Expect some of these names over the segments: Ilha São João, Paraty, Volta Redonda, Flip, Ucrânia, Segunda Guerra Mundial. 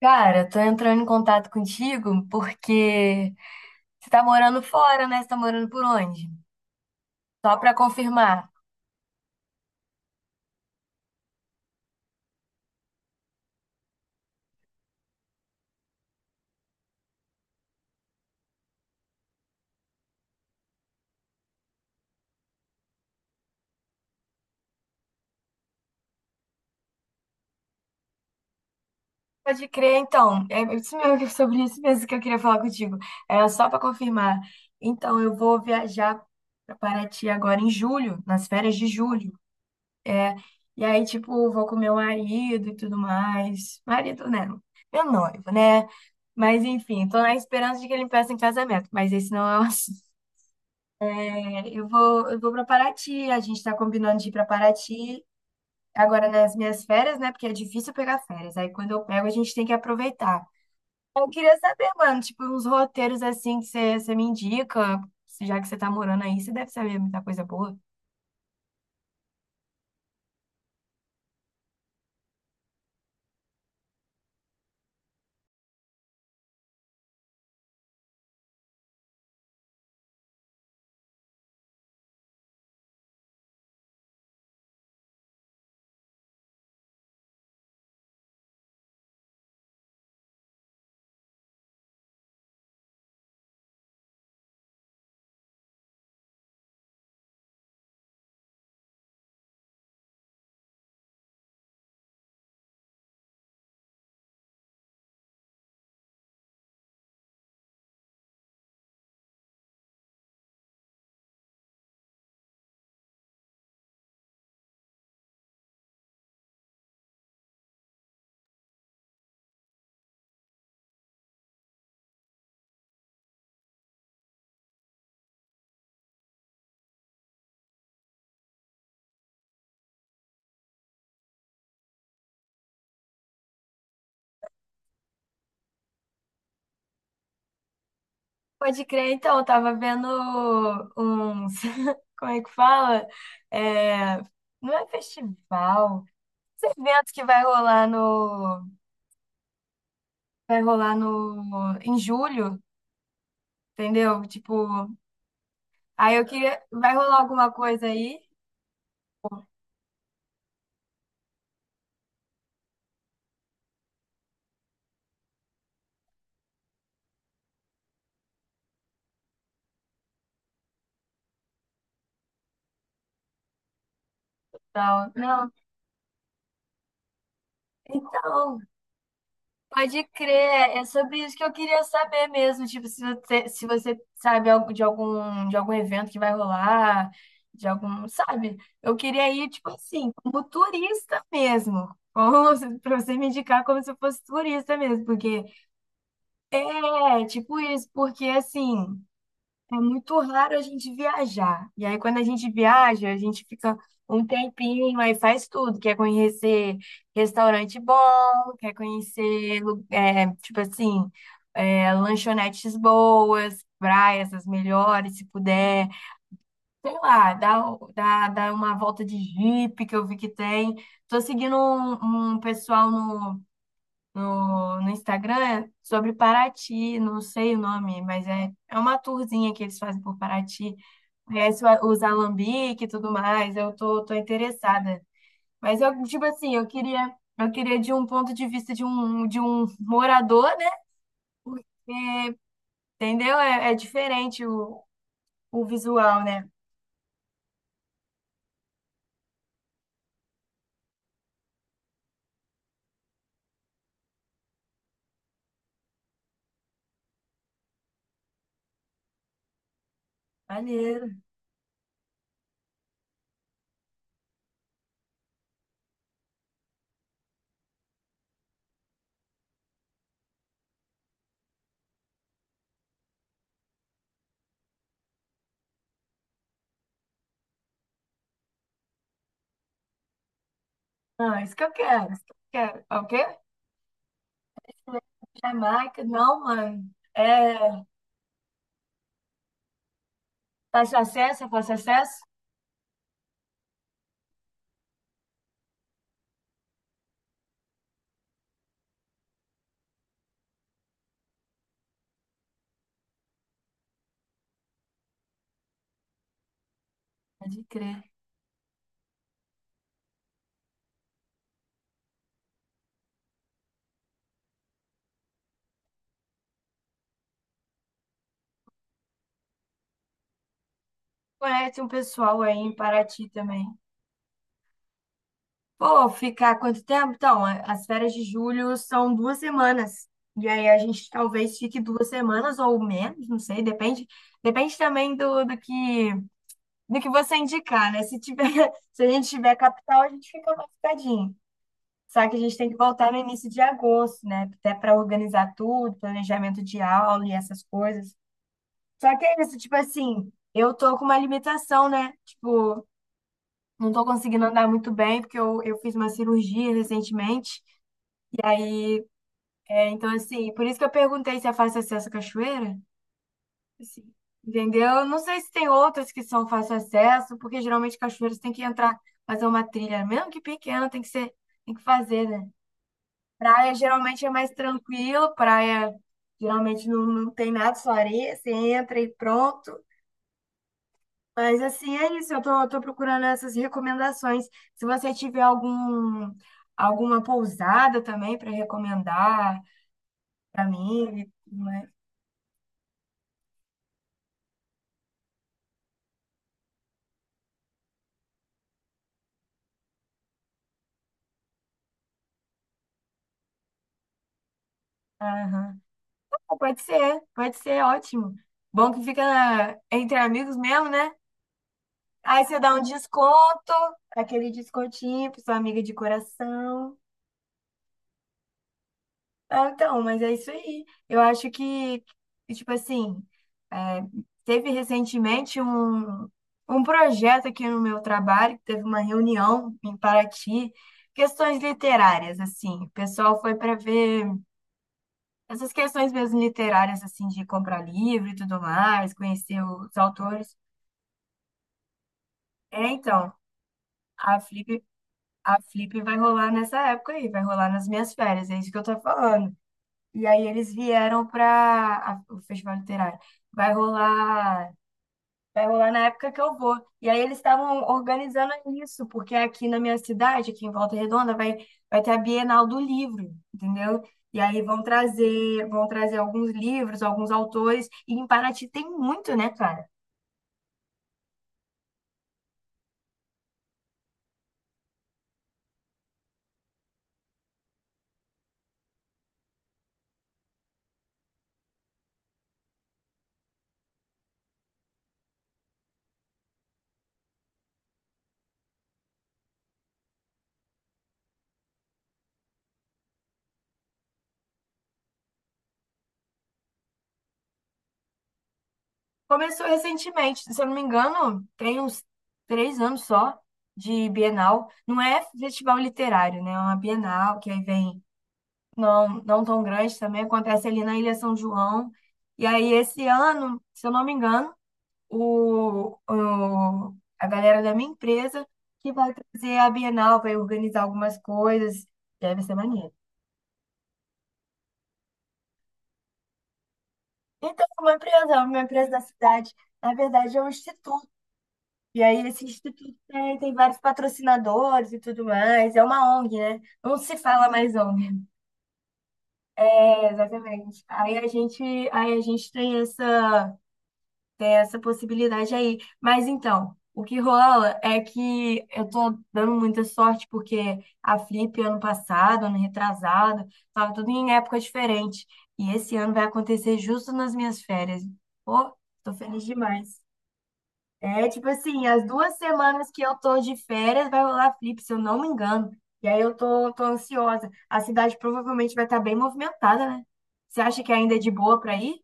Cara, tô entrando em contato contigo porque você tá morando fora, né? Você tá morando por onde? Só pra confirmar. Pode crer, então. É isso mesmo, sobre isso mesmo que eu queria falar contigo. É só pra confirmar. Então, eu vou viajar pra Paraty agora em julho, nas férias de julho. E aí, tipo, vou com meu marido e tudo mais. Marido, né? Meu noivo, né? Mas enfim, tô na esperança de que ele me peça em casamento, mas esse não é o assunto. Eu vou para Paraty. A gente está combinando de ir para Paraty agora nas minhas férias, né? Porque é difícil pegar férias. Aí quando eu pego, a gente tem que aproveitar. Eu queria saber, mano, tipo, uns roteiros assim que você me indica. Já que você tá morando aí, você deve saber muita coisa boa. Pode crer, então. Eu tava vendo uns. Como é que fala? É, não é festival. Esse evento que vai rolar no. Vai rolar no. Em julho, entendeu? Tipo. Aí eu queria. Vai rolar alguma coisa aí? Então, não. Então, pode crer. É sobre isso que eu queria saber mesmo. Tipo, se você sabe algo de algum evento que vai rolar, de algum, sabe? Eu queria ir, tipo assim, como turista mesmo. Como, pra você me indicar como se eu fosse turista mesmo. Porque é tipo isso, porque assim. É muito raro a gente viajar. E aí, quando a gente viaja, a gente fica um tempinho, aí faz tudo. Quer conhecer restaurante bom, quer conhecer, é, tipo assim, é, lanchonetes boas, praias as melhores, se puder. Sei lá, dá uma volta de Jeep que eu vi que tem. Tô seguindo um pessoal no, no Instagram é sobre Paraty, não sei o nome, mas é uma tourzinha que eles fazem por Paraty. Conhece os alambique e tudo mais, eu tô interessada. Mas eu, tipo assim, eu queria de um ponto de vista de um morador, né? Porque, entendeu? É diferente o visual, né? Maneiro. Ah, isso que eu quero, isso que eu quero. É o quê? Jamaica, não, mano. É, fácil acesso, é fácil acesso? Pode crer. Conhece um pessoal aí em Paraty também. Pô, ficar quanto tempo? Então, as férias de julho são duas semanas. E aí a gente talvez fique duas semanas ou menos, não sei, depende. Depende também do, do que você indicar, né? Se tiver, se a gente tiver capital, a gente fica mais ficadinho. Só que a gente tem que voltar no início de agosto, né? Até para organizar tudo, planejamento de aula e essas coisas. Só que é isso, tipo assim, eu tô com uma limitação, né? Tipo, não tô conseguindo andar muito bem, porque eu fiz uma cirurgia recentemente. É, então, assim, por isso que eu perguntei se é fácil acesso à cachoeira. Assim, entendeu? Eu não sei se tem outras que são fácil acesso, porque geralmente cachoeiras tem que entrar, fazer uma trilha, mesmo que pequena, tem que ser, tem que fazer, né? Praia geralmente é mais tranquilo, praia geralmente não, não tem nada, só areia, você entra e pronto. Mas assim, é isso. Eu tô procurando essas recomendações. Se você tiver algum, alguma pousada também para recomendar para mim, e tudo mais. Aham. Pode ser, ótimo. Bom que fica entre amigos mesmo, né? Aí você dá um desconto, aquele descontinho para sua amiga de coração. Ah, então, mas é isso aí. Eu acho que, tipo assim, é, teve recentemente um, um projeto aqui no meu trabalho, que teve uma reunião em Paraty, questões literárias, assim. O pessoal foi para ver essas questões mesmo literárias, assim, de comprar livro e tudo mais, conhecer os autores. É, então, a Flip, a Flip vai rolar nessa época aí, vai rolar nas minhas férias, é isso que eu tô falando. E aí eles vieram para o Festival Literário. Vai rolar, vai rolar na época que eu vou. E aí eles estavam organizando isso, porque aqui na minha cidade, aqui em Volta Redonda, vai ter a Bienal do Livro, entendeu? E aí vão trazer alguns livros, alguns autores, e em Paraty tem muito, né, cara? Começou recentemente, se eu não me engano, tem uns três anos só de Bienal. Não é festival literário, né? É uma Bienal que aí vem não, não tão grande também, acontece ali na Ilha São João. E aí, esse ano, se eu não me engano, a galera da minha empresa que vai trazer a Bienal, vai organizar algumas coisas, e aí vai ser maneiro. Então, é uma empresa da cidade, na verdade é um instituto. E aí, esse instituto tem, tem vários patrocinadores e tudo mais. É uma ONG, né? Não se fala mais ONG. É, exatamente. Aí a gente tem essa. Tem essa possibilidade aí. Mas então, o que rola é que eu tô dando muita sorte, porque a Flip ano passado, ano retrasado, tava tudo em época diferente. E esse ano vai acontecer justo nas minhas férias. Pô, tô feliz demais. É tipo assim, as duas semanas que eu tô de férias vai rolar Flip, se eu não me engano. E aí eu tô ansiosa. A cidade provavelmente vai estar bem movimentada, né? Você acha que ainda é de boa pra ir?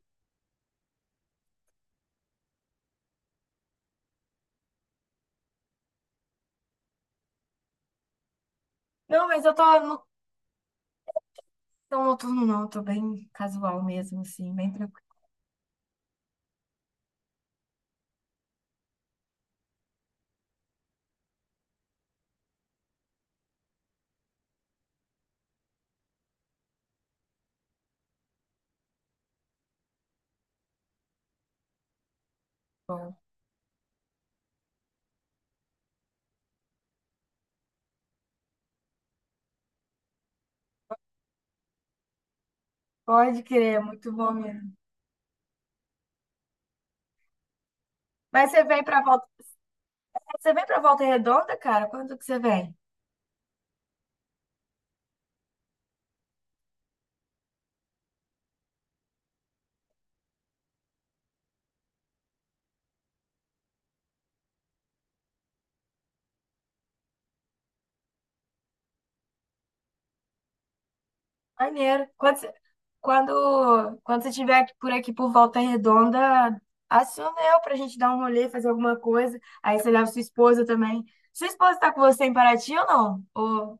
Não, mas eu tô, não Não, noturno não, eu tô bem casual mesmo, assim, bem tranquilo. Pode crer, é muito bom mesmo. Mas você vem pra volta, você vem pra Volta Redonda, cara? Quando que você vem? Maneiro. Quando você estiver por aqui por Volta Redonda, aciona eu pra gente dar um rolê, fazer alguma coisa. Aí você leva sua esposa também. Sua esposa tá com você em Paraty ou não? Ô,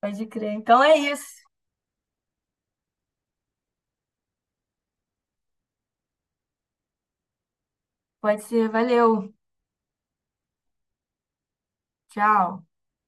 pode crer. Então é isso. Pode ser, valeu. Tchau.